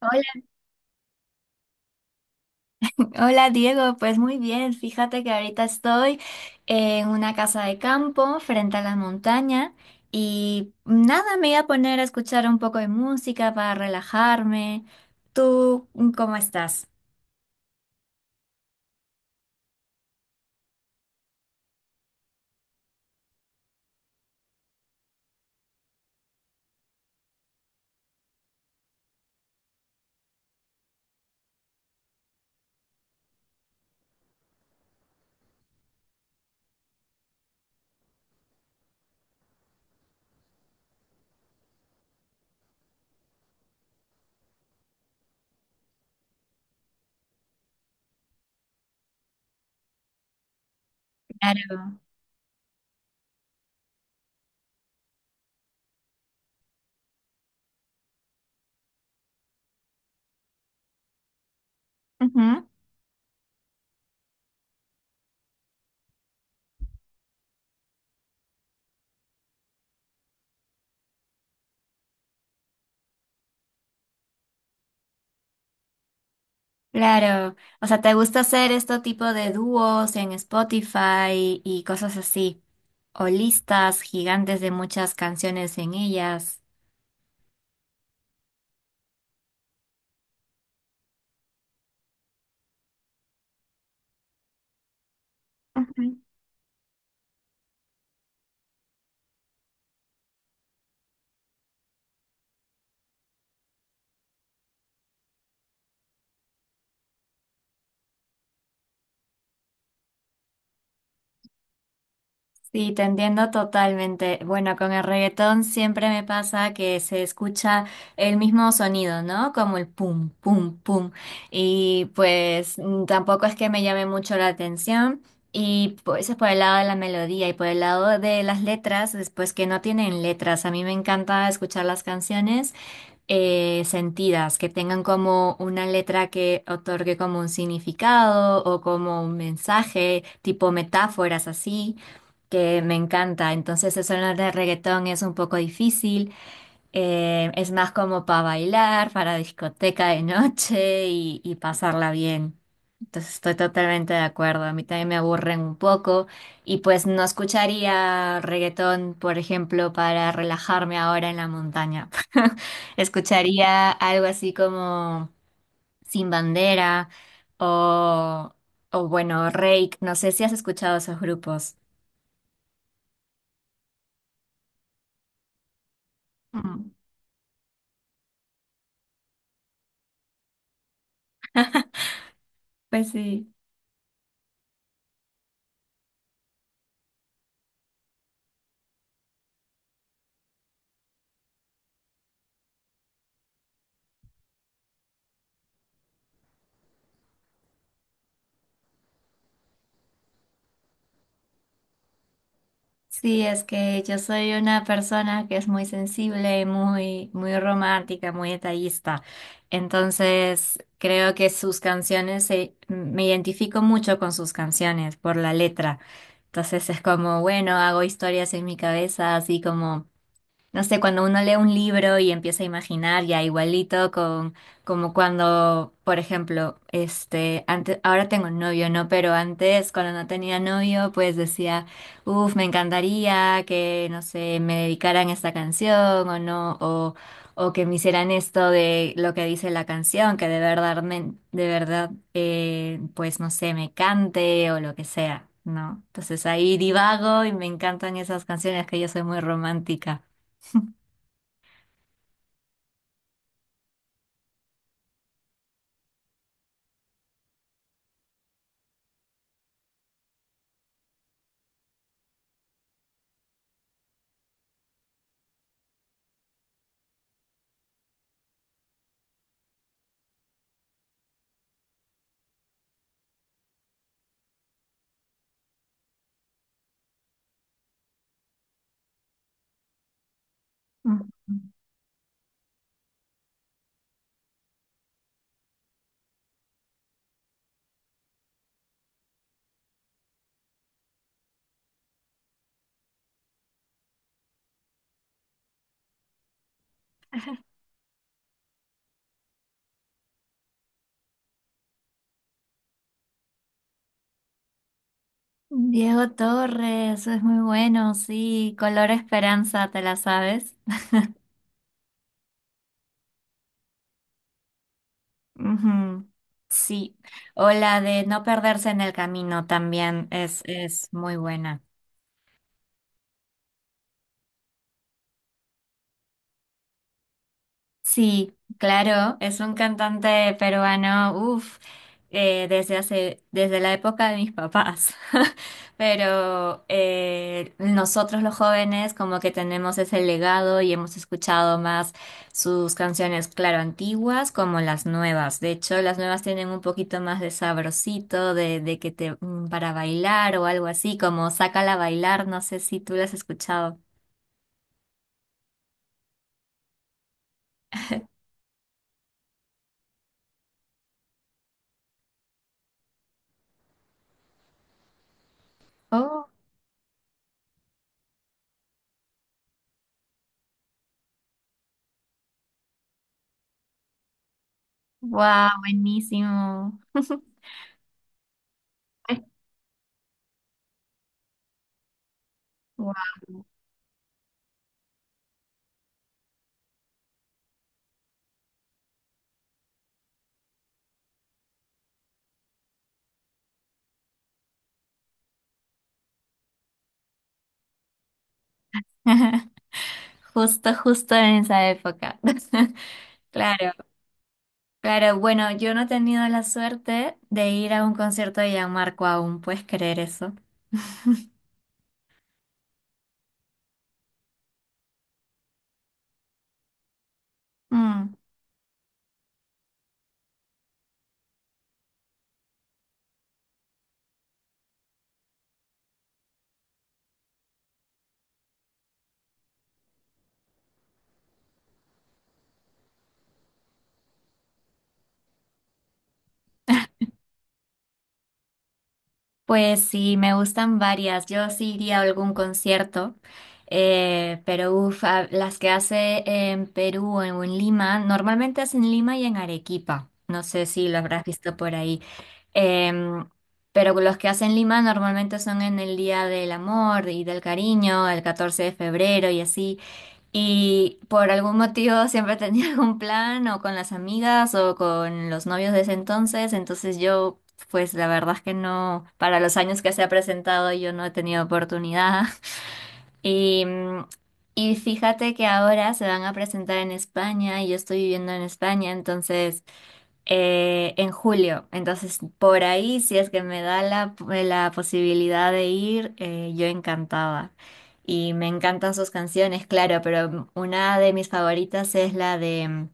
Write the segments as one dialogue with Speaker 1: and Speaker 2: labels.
Speaker 1: Hola, hola Diego, pues muy bien, fíjate que ahorita estoy en una casa de campo frente a la montaña y nada, me voy a poner a escuchar un poco de música para relajarme. ¿Tú cómo estás? Claro. Ujú. Claro, o sea, ¿te gusta hacer este tipo de dúos en Spotify y cosas así? O listas gigantes de muchas canciones en ellas. Sí, te entiendo totalmente. Bueno, con el reggaetón siempre me pasa que se escucha el mismo sonido, ¿no? Como el pum, pum, pum. Y pues tampoco es que me llame mucho la atención. Y pues eso es por el lado de la melodía y por el lado de las letras, después que no tienen letras. A mí me encanta escuchar las canciones sentidas, que tengan como una letra que otorgue como un significado o como un mensaje, tipo metáforas así, que me encanta. Entonces eso en el de reggaetón es un poco difícil. Es más como para bailar, para discoteca de noche y pasarla bien. Entonces estoy totalmente de acuerdo. A mí también me aburren un poco y pues no escucharía reggaetón, por ejemplo, para relajarme ahora en la montaña. Escucharía algo así como Sin Bandera o, o bueno, Reik. No sé si has escuchado esos grupos. Mm. Pues sí. Sí, es que yo soy una persona que es muy sensible, muy, muy romántica, muy detallista. Entonces, creo que sus canciones, me identifico mucho con sus canciones por la letra. Entonces, es como, bueno, hago historias en mi cabeza, así como no sé, cuando uno lee un libro y empieza a imaginar ya igualito con como cuando, por ejemplo, este, antes, ahora tengo novio, ¿no? Pero antes, cuando no tenía novio, pues decía, uff, me encantaría que, no sé, me dedicaran esta canción o no, o que me hicieran esto de lo que dice la canción, que de verdad, de verdad, pues no sé, me cante o lo que sea, ¿no? Entonces ahí divago y me encantan esas canciones que yo soy muy romántica. Ujú. Diego Torres, es muy bueno, sí. Color Esperanza, ¿te la sabes? Ujú. Sí. O la de No perderse en el camino también es muy buena. Sí, claro, es un cantante peruano, uff, desde hace, desde la época de mis papás. Pero nosotros los jóvenes como que tenemos ese legado y hemos escuchado más sus canciones, claro, antiguas como las nuevas. De hecho, las nuevas tienen un poquito más de sabrosito, de que te, para bailar o algo así, como Sácala a bailar, no sé si tú las has escuchado. Oh, wow, buenísimo. Wow. Justo, justo en esa época. Claro, claro. Bueno, yo no he tenido la suerte de ir a un concierto de Gianmarco aún, ¿puedes creer eso? Mm. Pues sí, me gustan varias. Yo sí iría a algún concierto, pero uf, las que hace en Perú o en Lima, normalmente es en Lima y en Arequipa. No sé si lo habrás visto por ahí. Em, pero los que hacen Lima normalmente son en el Día del Amor y del Cariño, el 14 de febrero y así. Y por algún motivo siempre tenía algún plan o con las amigas o con los novios de ese entonces. Entonces yo, pues la verdad es que no, para los años que se ha presentado yo no he tenido oportunidad. Y, mm, y fíjate que ahora se van a presentar en España y yo estoy viviendo en España. Entonces en julio. Entonces, por ahí, si es que me da la posibilidad de ir, yo encantada. Y me encantan sus canciones, claro, pero una de mis favoritas es la de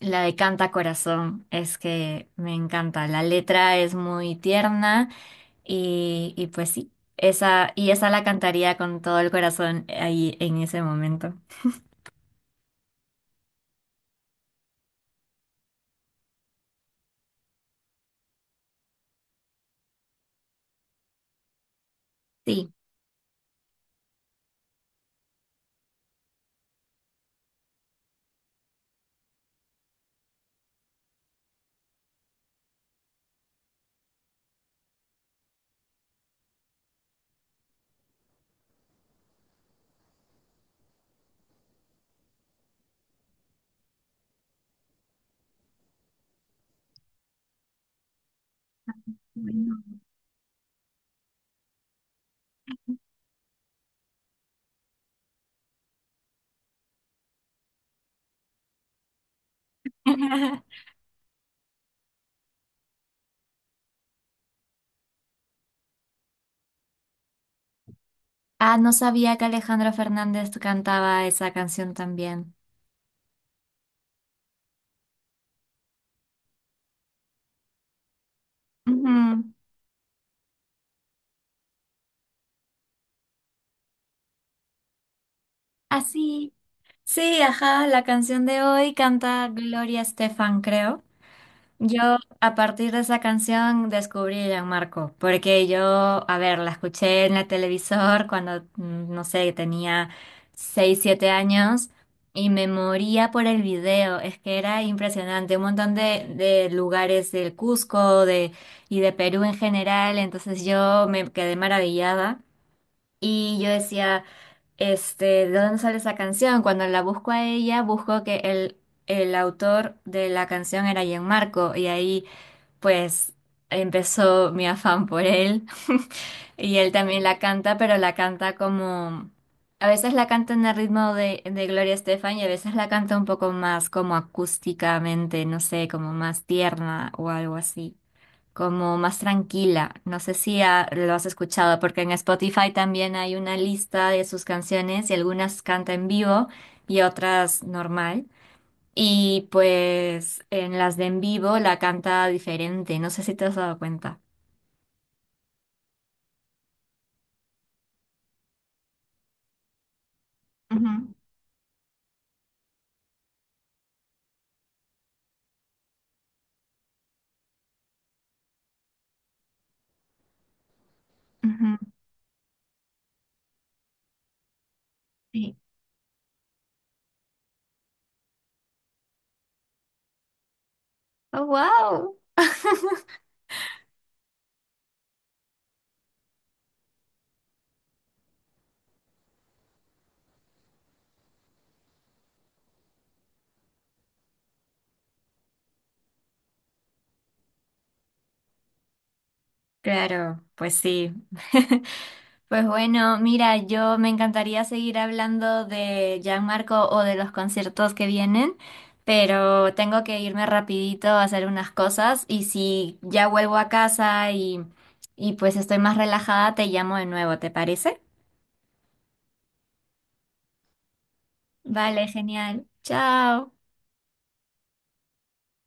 Speaker 1: la de Canta Corazón. Es que me encanta. La letra es muy tierna y pues sí, esa, y esa la cantaría con todo el corazón ahí en ese momento. Sí. Bueno. Ah, no sabía que Alejandro Fernández cantaba esa canción también. Ujú. Así. Sí, ajá, la canción de hoy canta Gloria Estefan, creo. Yo a partir de esa canción descubrí a Gianmarco, porque yo, a ver, la escuché en la televisor cuando, no sé, tenía 6 7 años y me moría por el video, es que era impresionante, un montón de lugares del Cusco de, y de Perú en general, entonces yo me quedé maravillada. Y yo decía, este, ¿de dónde sale esa canción? Cuando la busco a ella, busco que el, autor de la canción era Gianmarco y ahí pues empezó mi afán por él y él también la canta, pero la canta como... A veces la canta en el ritmo de Gloria Estefan y a veces la canta un poco más como acústicamente, no sé, como más tierna o algo así como más tranquila. No sé si lo has escuchado, porque en Spotify también hay una lista de sus canciones y algunas canta en vivo y otras normal. Y pues en las de en vivo la canta diferente, no sé si te has dado cuenta. Ujú, ujú, sí. Oh, wow. Claro, pues sí. Pues bueno, mira, yo me encantaría seguir hablando de Gianmarco o de los conciertos que vienen, pero tengo que irme rapidito a hacer unas cosas y si ya vuelvo a casa y pues estoy más relajada, te llamo de nuevo, ¿te parece? Vale, genial. Chao.